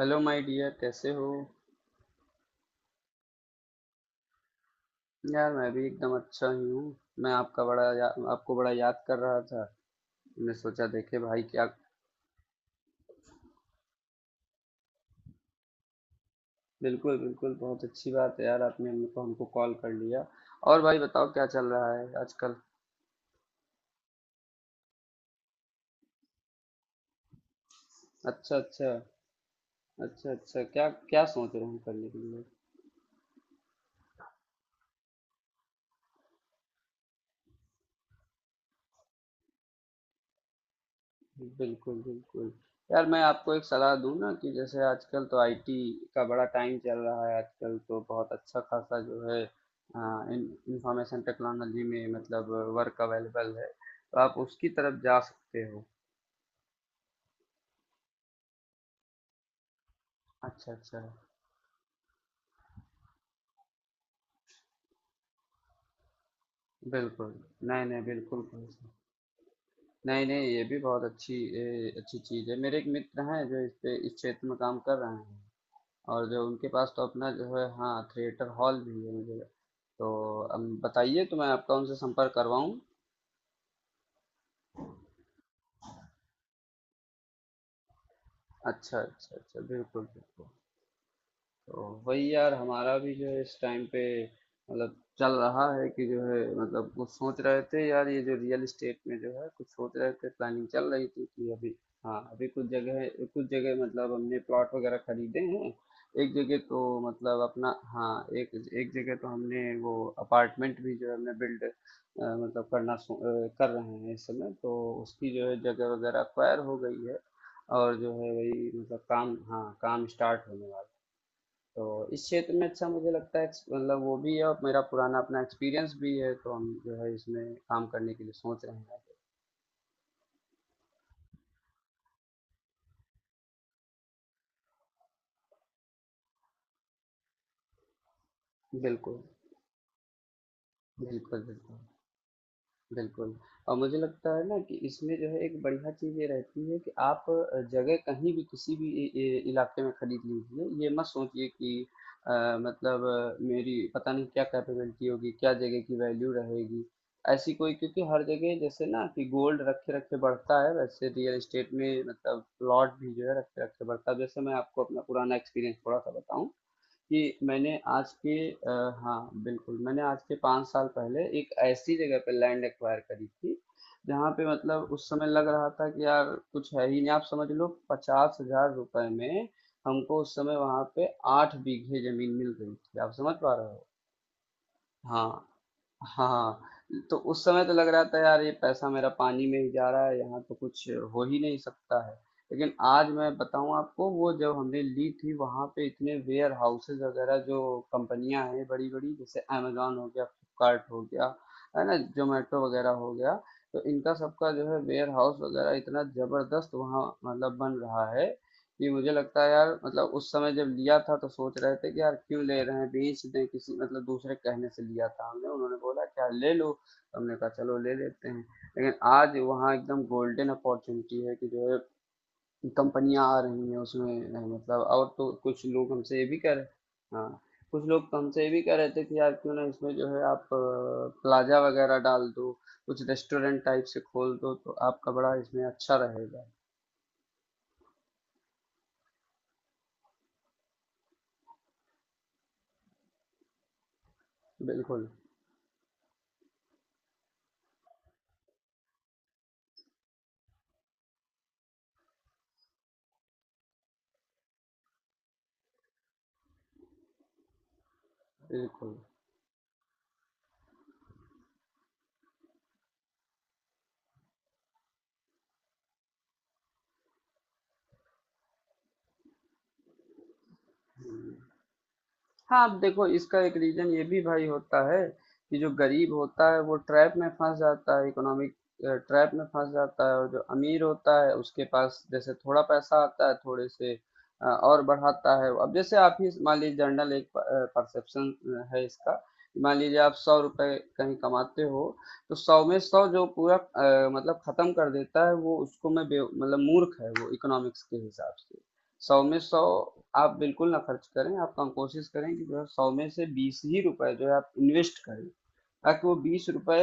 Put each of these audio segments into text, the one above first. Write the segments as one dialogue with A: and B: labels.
A: Hello my dear, कैसे हो? यार, मैं भी एकदम अच्छा ही हूँ। मैं आपका बड़ा या, आपको बड़ा याद कर रहा था। मैं सोचा देखे भाई क्या। बिल्कुल, बिल्कुल, बहुत अच्छी बात है यार, आपने हमको हमको कॉल कर लिया। और भाई बताओ, क्या चल रहा है आजकल? अच्छा, अच्छा। अच्छा, अच्छा, क्या क्या सोच रहे हैं करने के लिए? बिल्कुल, बिल्कुल। यार, मैं आपको एक सलाह दूँ ना कि जैसे आजकल तो आईटी का बड़ा टाइम चल रहा है। आजकल तो बहुत अच्छा खासा जो है इन इंफॉर्मेशन टेक्नोलॉजी में मतलब वर्क अवेलेबल है, तो आप उसकी तरफ जा सकते हो। अच्छा, अच्छा। बिल्कुल। नहीं, नहीं बिल्कुल नहीं, नहीं, ये भी बहुत अच्छी चीज़ है। मेरे एक मित्र हैं जो इस क्षेत्र में काम कर रहे हैं, और जो उनके पास तो अपना जो है, हाँ, थिएटर हॉल भी है मुझे। तो अब बताइए तो मैं आपका उनसे संपर्क करवाऊँ? अच्छा, अच्छा, अच्छा, बिल्कुल, बिल्कुल। तो वही यार, हमारा भी जो है इस टाइम पे मतलब चल रहा है कि जो है, मतलब कुछ सोच रहे थे यार, ये जो रियल एस्टेट में जो है कुछ सोच रहे थे, प्लानिंग चल रही थी कि अभी, हाँ अभी कुछ जगह मतलब हमने प्लॉट वगैरह खरीदे हैं। एक जगह तो मतलब अपना, हाँ, एक एक जगह तो हमने वो अपार्टमेंट भी जो है हमने बिल्ड मतलब करना कर रहे हैं इस समय। तो उसकी जो है जगह वगैरह अक्वायर हो गई है, और जो है वही मतलब काम, हाँ, काम स्टार्ट होने वाला है। तो इस क्षेत्र में अच्छा मुझे लगता है मतलब वो भी है और मेरा पुराना अपना एक्सपीरियंस भी है, तो हम जो है इसमें काम करने के लिए सोच रहे हैं। बिल्कुल। बिल्कुल, बिल्कुल, बिल्कुल। और मुझे लगता है ना कि इसमें जो है एक बढ़िया चीज़ ये रहती है कि आप जगह कहीं भी किसी भी इलाके में खरीद लीजिए। ये मत सोचिए कि अ, मतलब मेरी पता नहीं क्या कैपेबिलिटी होगी, क्या जगह की वैल्यू रहेगी, ऐसी कोई, क्योंकि हर जगह जैसे ना कि गोल्ड रखे रखे बढ़ता है, वैसे रियल एस्टेट में मतलब प्लॉट भी जो है रखे रखे बढ़ता है। जैसे मैं आपको अपना पुराना एक्सपीरियंस थोड़ा सा बताऊं कि मैंने आज के अ, हाँ, बिल्कुल, मैंने आज के 5 साल पहले एक ऐसी जगह पे लैंड एक्वायर करी थी जहाँ पे मतलब उस समय लग रहा था कि यार कुछ है ही नहीं, आप समझ लो, ₹50,000 में हमको उस समय वहाँ पे 8 बीघे जमीन मिल रही थी। आप समझ पा रहे हो? हाँ, हाँ, तो उस समय तो लग रहा था यार ये पैसा मेरा पानी में ही जा रहा है, यहाँ तो कुछ हो ही नहीं सकता है। लेकिन आज मैं बताऊँ आपको, वो जब हमने ली थी, वहाँ पे इतने वेयर हाउसेज वगैरह जो कंपनियां हैं बड़ी बड़ी जैसे अमेजोन हो गया, फ्लिपकार्ट हो गया, है ना, जोमेटो वगैरह हो गया, तो इनका सबका जो है वेयर हाउस वगैरह इतना जबरदस्त वहाँ मतलब बन रहा है कि मुझे लगता है यार, मतलब उस समय जब लिया था तो सोच रहे थे कि यार क्यों ले रहे हैं, बेच दें किसी, मतलब दूसरे कहने से लिया था हमने, उन्होंने बोला कि यार ले लो, तो हमने कहा चलो ले लेते हैं। लेकिन आज वहाँ एकदम गोल्डन अपॉर्चुनिटी है कि जो है कंपनियां आ रही हैं उसमें, नहीं मतलब, और तो कुछ लोग हमसे ये भी कह रहे, हाँ, कुछ लोग तो हमसे ये भी कह रहे थे कि यार क्यों ना इसमें जो है आप प्लाजा वगैरह डाल दो, कुछ रेस्टोरेंट टाइप से खोल दो, तो आपका बड़ा इसमें अच्छा रहेगा। बिल्कुल, बिल्कुल। हाँ, अब देखो, इसका एक रीजन ये भी भाई होता है कि जो गरीब होता है वो ट्रैप में फंस जाता है, इकोनॉमिक ट्रैप में फंस जाता है, और जो अमीर होता है उसके पास जैसे थोड़ा पैसा आता है थोड़े से और बढ़ाता है। अब जैसे आप ही मान लीजिए, जनरल एक परसेप्शन है इसका, मान लीजिए आप ₹100 कहीं कमाते हो, तो 100 में 100 जो पूरा मतलब खत्म कर देता है वो, उसको मैं मतलब मूर्ख है वो इकोनॉमिक्स के हिसाब से। 100 में 100 आप बिल्कुल ना खर्च करें, आप, हम कोशिश करें कि जो है 100 में से 20 ही रुपए जो है आप इन्वेस्ट करें, ताकि वो ₹20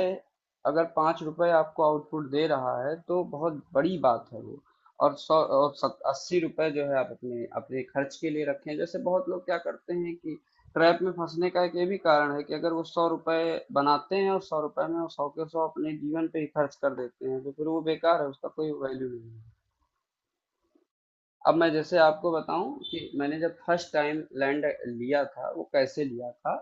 A: अगर ₹5 आपको आउटपुट दे रहा है तो बहुत बड़ी बात है वो। और 100 और ₹80 जो है आप अपने अपने खर्च के लिए रखें। जैसे बहुत लोग क्या करते हैं कि ट्रैप में फंसने का एक ये भी कारण है कि अगर वो ₹100 बनाते हैं और ₹100 में वो 100 के 100 अपने जीवन पे ही खर्च कर देते हैं, तो फिर वो बेकार है, उसका कोई वैल्यू नहीं है। अब मैं जैसे आपको बताऊं कि मैंने जब फर्स्ट टाइम लैंड लिया था वो कैसे लिया था।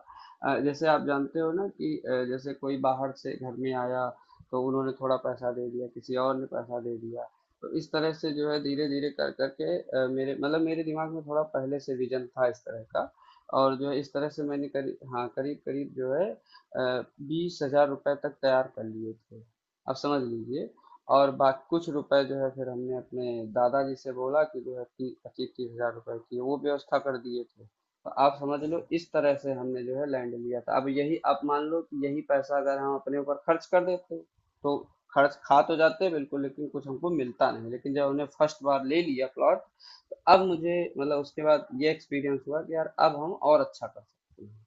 A: जैसे आप जानते हो ना कि जैसे कोई बाहर से घर में आया, तो उन्होंने थोड़ा पैसा दे दिया, किसी और ने पैसा दे दिया, तो इस तरह से जो है धीरे धीरे कर करके मेरे दिमाग में थोड़ा पहले से विजन था इस तरह का, और जो है इस तरह से मैंने करीब, हाँ, करीब करीब जो है ₹20,000 तक तैयार कर लिए थे, आप समझ लीजिए। और बाकी कुछ रुपए जो है फिर हमने अपने दादाजी से बोला कि जो है ₹25-30,000 की वो व्यवस्था कर दिए थे। तो आप समझ लो इस तरह से हमने जो है लैंड लिया था। अब यही आप मान लो कि यही पैसा अगर हम अपने ऊपर खर्च कर देते तो खर्च खा तो जाते बिल्कुल, लेकिन कुछ हमको मिलता नहीं। लेकिन जब हमने फर्स्ट बार ले लिया प्लॉट तो अब मुझे, मतलब उसके बाद ये एक्सपीरियंस हुआ कि यार अब हम और अच्छा कर सकते हैं।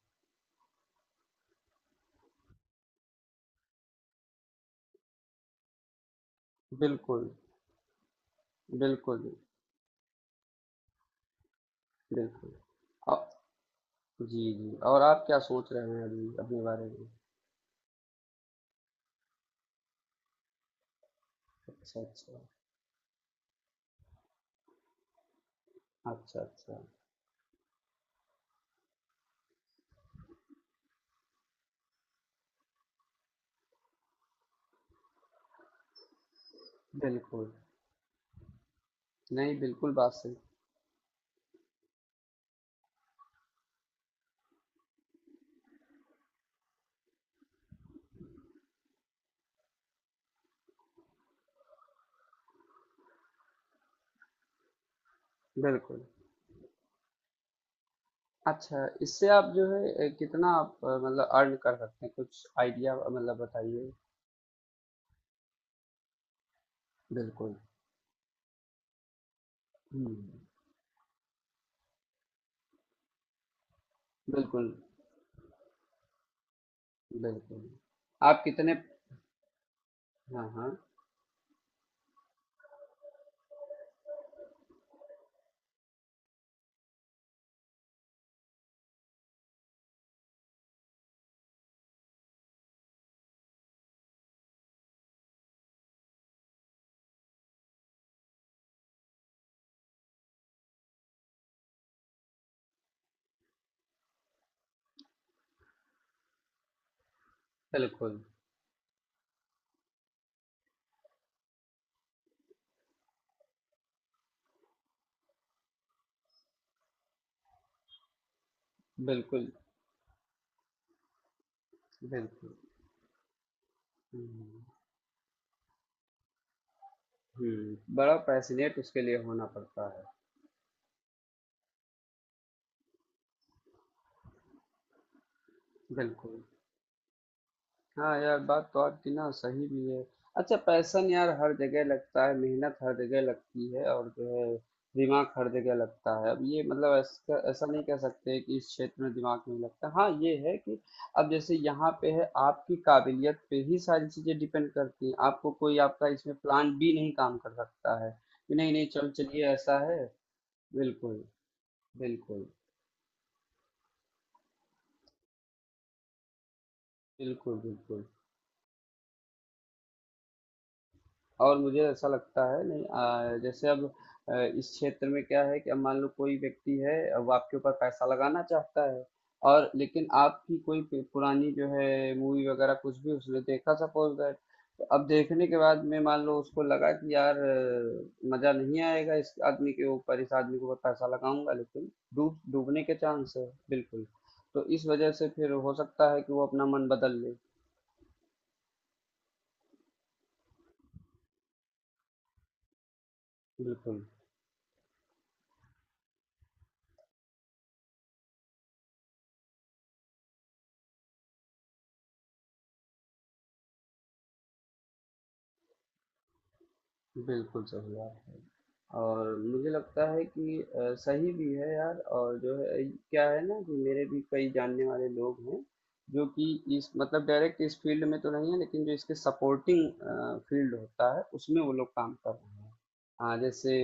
A: बिल्कुल, बिल्कुल, बिल्कुल। और, जी जी, और आप क्या सोच रहे हैं अभी अपने बारे में? अच्छा, अच्छा, अच्छा, अच्छा, बिल्कुल, नहीं बिल्कुल, बात सही। बिल्कुल। अच्छा, इससे आप जो है कितना आप मतलब अर्न कर सकते हैं, कुछ आइडिया मतलब बताइए। बिल्कुल, हम्म, बिल्कुल, बिल्कुल। आप कितने, हाँ, हाँ, बिल्कुल, बिल्कुल, बिल्कुल। हम्म, बड़ा पैशनेट उसके लिए होना पड़ता है। बिल्कुल, हाँ यार बात तो आपकी ना सही भी है। अच्छा, पैशन यार हर जगह लगता है, मेहनत हर जगह लगती है, और जो है दिमाग हर जगह लगता है। अब ये मतलब ऐसा ऐसा नहीं कह सकते कि इस क्षेत्र में दिमाग नहीं लगता। हाँ ये है कि अब जैसे यहाँ पे है आपकी काबिलियत पे ही सारी चीजें डिपेंड करती हैं, आपको कोई, आपका इसमें प्लान बी नहीं काम कर सकता है कि नहीं नहीं चलो, चलिए ऐसा है। बिल्कुल, बिल्कुल, बिल्कुल, बिल्कुल। और मुझे ऐसा लगता है, नहीं जैसे अब इस क्षेत्र में क्या है कि अब मान लो कोई व्यक्ति है, अब आपके ऊपर पैसा लगाना चाहता है और, लेकिन आपकी कोई पुरानी जो है मूवी वगैरह कुछ भी उसने देखा, सपोज दैट, तो अब देखने के बाद में मान लो उसको लगा कि यार मजा नहीं आएगा इस आदमी के ऊपर, इस आदमी के ऊपर पैसा लगाऊंगा लेकिन डूबने के चांस है बिल्कुल, तो इस वजह से फिर हो सकता है कि वो अपना मन बदल ले। बिल्कुल, बिल्कुल सही बात है। और मुझे लगता है कि सही भी है यार। और जो है क्या है ना कि मेरे भी कई जानने वाले लोग हैं जो कि इस, मतलब डायरेक्ट इस फील्ड में तो नहीं है, लेकिन जो इसके सपोर्टिंग फील्ड होता है उसमें वो लोग काम कर रहे हैं। हाँ जैसे,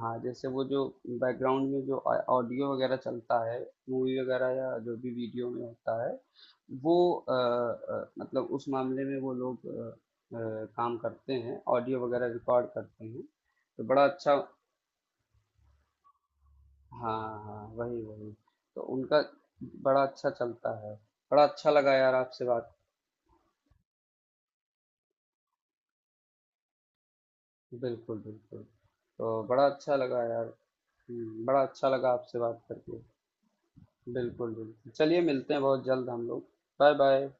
A: हाँ जैसे वो जो बैकग्राउंड में जो ऑडियो वगैरह चलता है मूवी वगैरह या जो भी वीडियो में होता है वो मतलब उस मामले में वो लोग काम करते हैं, ऑडियो वगैरह रिकॉर्ड करते हैं, तो बड़ा अच्छा। हाँ, हाँ, वही वही, तो उनका बड़ा अच्छा चलता है। बड़ा अच्छा लगा यार आपसे बात। बिल्कुल, बिल्कुल, तो बड़ा अच्छा लगा यार। बड़ा अच्छा लगा आपसे बात करके। बिल्कुल, बिल्कुल, चलिए मिलते हैं बहुत जल्द हम लोग। Bye bye.